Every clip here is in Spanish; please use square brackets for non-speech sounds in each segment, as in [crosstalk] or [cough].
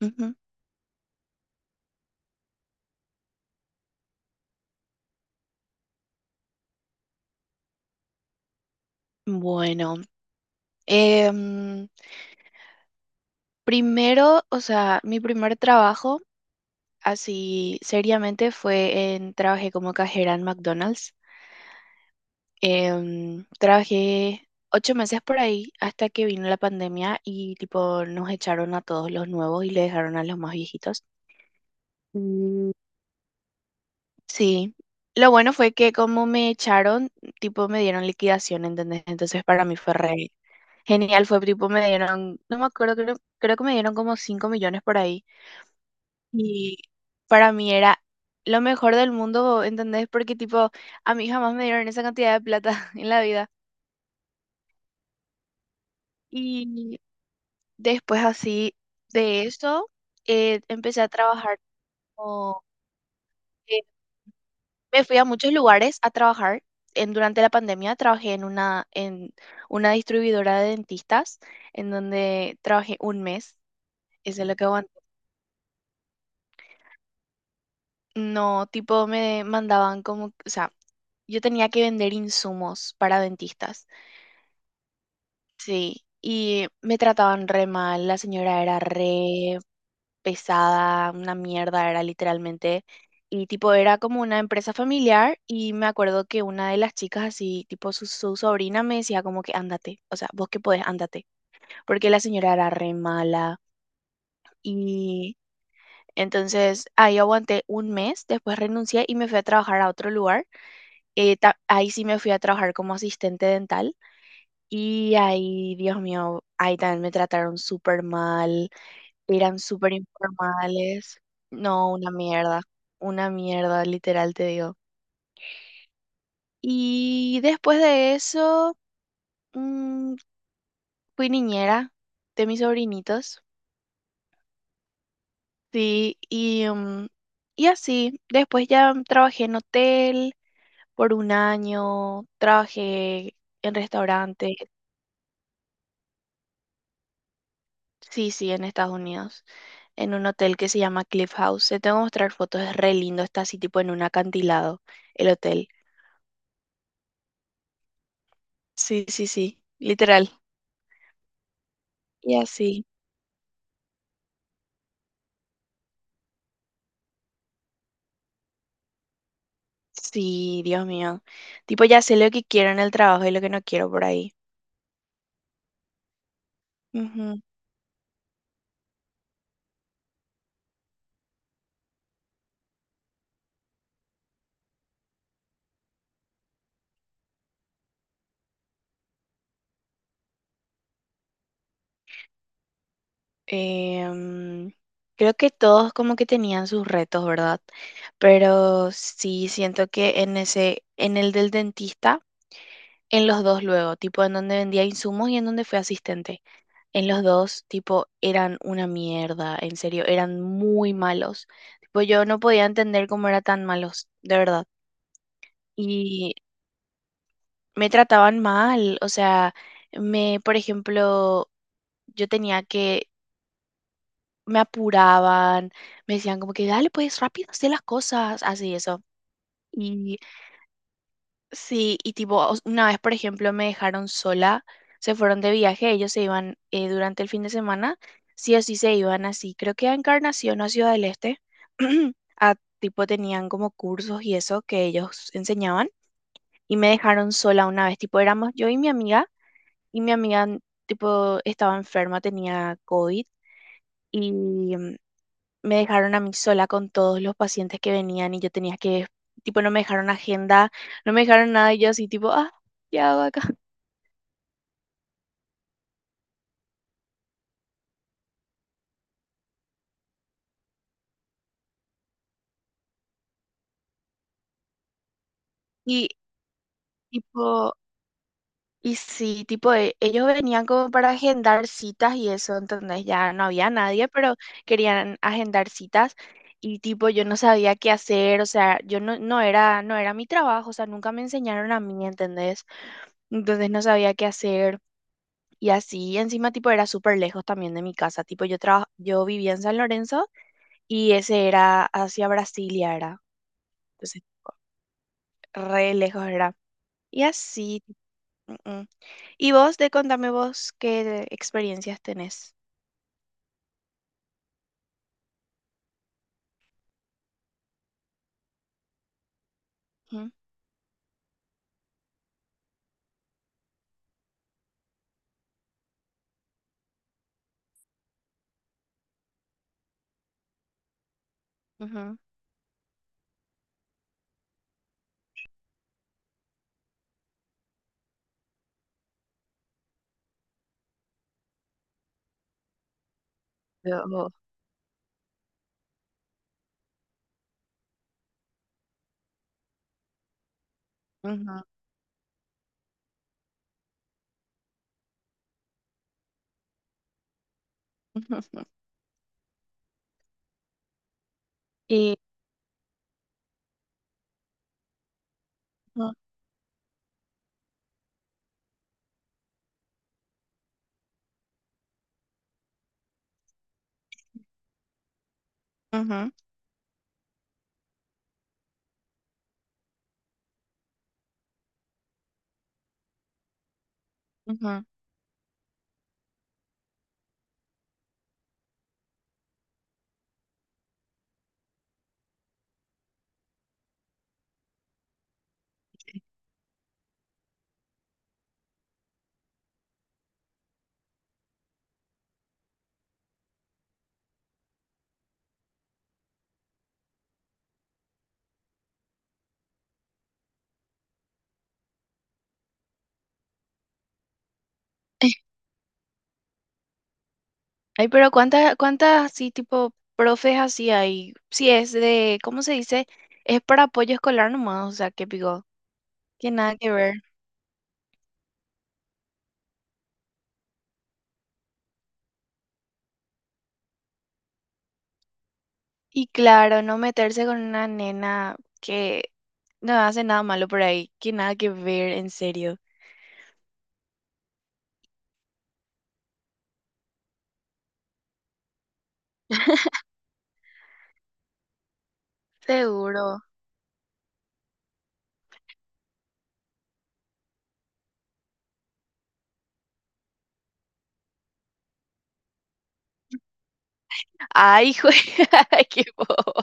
Ujú. Bueno, em, primero, o sea, mi primer trabajo así seriamente trabajé como cajera en McDonald's. Trabajé 8 meses por ahí hasta que vino la pandemia y tipo nos echaron a todos los nuevos y le dejaron a los más viejitos. Mm, sí, lo bueno fue que como me echaron, tipo me dieron liquidación, ¿entendés? Entonces para mí fue re genial. Fue tipo, me dieron, no me acuerdo, creo que me dieron como 5 millones por ahí. Y para mí era lo mejor del mundo, ¿entendés? Porque tipo, a mí jamás me dieron esa cantidad de plata [laughs] en la vida. Y después así de eso, empecé a trabajar como, eh, me fui a muchos lugares a trabajar. Durante la pandemia trabajé en una distribuidora de dentistas, en donde trabajé un mes. Eso es lo que... No, tipo me mandaban como, o sea, yo tenía que vender insumos para dentistas, sí, y me trataban re mal, la señora era re pesada, una mierda era literalmente, y tipo era como una empresa familiar y me acuerdo que una de las chicas así, tipo su sobrina me decía como que ándate, o sea, vos que podés, ándate, porque la señora era re mala y... Entonces ahí aguanté un mes, después renuncié y me fui a trabajar a otro lugar. Ahí sí me fui a trabajar como asistente dental y ahí, Dios mío, ahí también me trataron súper mal, eran súper informales. No, una mierda, literal te digo. Y después de eso, mm, fui niñera de mis sobrinitos, sí, y, y así. Después ya trabajé en hotel por un año, trabajé en restaurantes. Sí, sí, en Estados Unidos, en un hotel que se llama Cliff House. Te tengo que mostrar fotos, es re lindo, está así tipo en un acantilado el hotel. Sí, sí, sí, literal. Y así, sí, Dios mío. Tipo, ya sé lo que quiero en el trabajo y lo que no quiero por ahí. Ujú. Em, creo que todos como que tenían sus retos, ¿verdad? Pero sí, siento que en ese, en el del dentista, en los dos luego, tipo en donde vendía insumos y en donde fui asistente. En los dos, tipo, eran una mierda, en serio, eran muy malos. Tipo, yo no podía entender cómo eran tan malos, de verdad. Y me trataban mal, o sea, me, por ejemplo, yo tenía que, me apuraban, me decían como que, dale, pues rápido, haz las cosas, así eso. Sí, y tipo, una vez, por ejemplo, me dejaron sola, se fueron de viaje, ellos se iban durante el fin de semana, sí o sí se iban así, creo que a Encarnación o a Ciudad del Este, [clears throat] a, tipo tenían como cursos y eso que ellos enseñaban, y me dejaron sola una vez, tipo, éramos yo y mi amiga, y mi amiga, tipo, estaba enferma, tenía COVID, y mm, me dejaron a mí sola con todos los pacientes que venían y yo tenía que, tipo, no me dejaron agenda, no me dejaron nada y yo así, tipo, ah, ¿qué hago acá? [laughs] Y tipo, y sí, tipo, ellos venían como para agendar citas y eso, entonces ya no había nadie, pero querían agendar citas. Y tipo, yo no sabía qué hacer, o sea, yo no, no era mi trabajo, o sea, nunca me enseñaron a mí, ¿entendés? Entonces no sabía qué hacer. Y así encima tipo era súper lejos también de mi casa. Tipo yo vivía en San Lorenzo y ese era hacia Brasilia era. Entonces re lejos era. Y así. Mm, mm. Y vos, de contame vos qué experiencias tenés. Ujú, ujú. Yo, ujú, ujú, ujú. [laughs] Y ujú, ujú, ujú. [laughs] Ay, pero cuántas, cuántas así tipo profes así hay. Si es de, ¿cómo se dice? Es para apoyo escolar nomás, o sea, que pico, que nada que ver. Y claro, no meterse con una nena que no hace nada malo por ahí, que nada que ver, en serio. Seguro. Ay, jue- [laughs] ay, qué boba.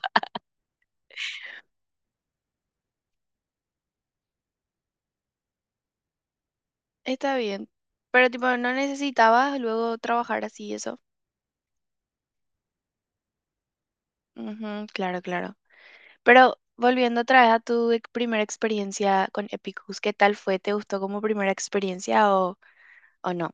Está bien. Pero tipo, no necesitabas luego trabajar así, eso. Ujú, claro, claro. Pero volviendo otra vez a tu primera experiencia con Epicus, ¿qué tal fue? ¿Te gustó como primera experiencia o no?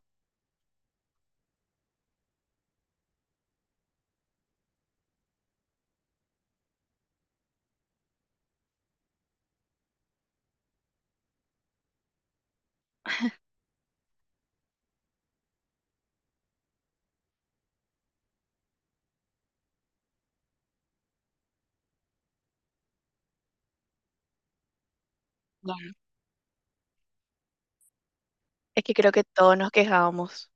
Bueno, es que creo que todos nos quejábamos.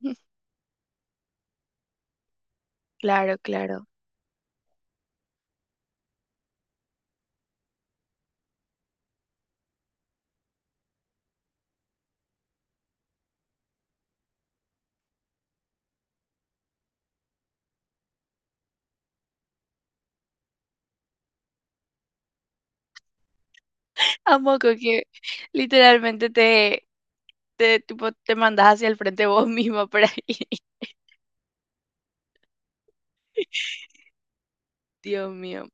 [laughs] Claro, claro. A moco que literalmente tipo, te mandas hacia el frente vos [laughs] mismo por ahí. [laughs] Dios mío.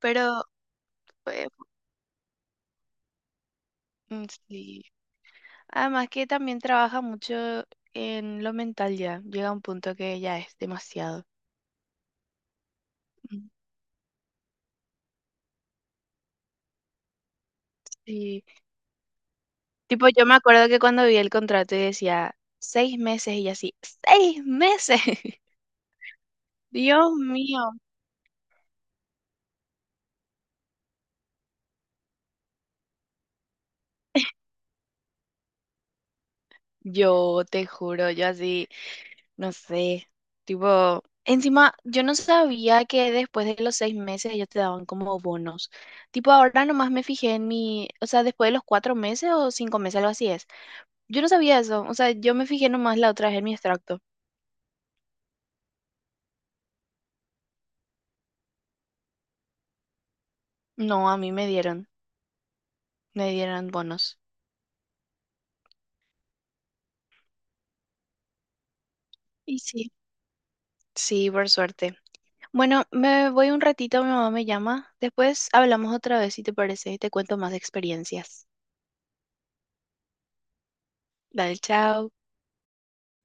Pero eh, mm, sí. Además que también trabaja mucho en lo mental ya. Llega a un punto que ya es demasiado. Mm, sí. Tipo, yo me acuerdo que cuando vi el contrato y decía 6 meses y yo así, 6 meses. [laughs] Dios mío. Yo te juro, yo así. No sé, tipo, encima yo no sabía que después de los 6 meses ellos te daban como bonos. Tipo, ahora nomás me fijé en mi, o sea, después de los 4 meses o 5 meses, algo así es. Yo no sabía eso, o sea, yo me fijé nomás la otra vez en mi extracto. No, a mí me dieron, bonos. Y sí. Sí, por suerte. Bueno, me voy un ratito, mi mamá me llama. Después hablamos otra vez, si te parece, y te cuento más experiencias. Dale, chao.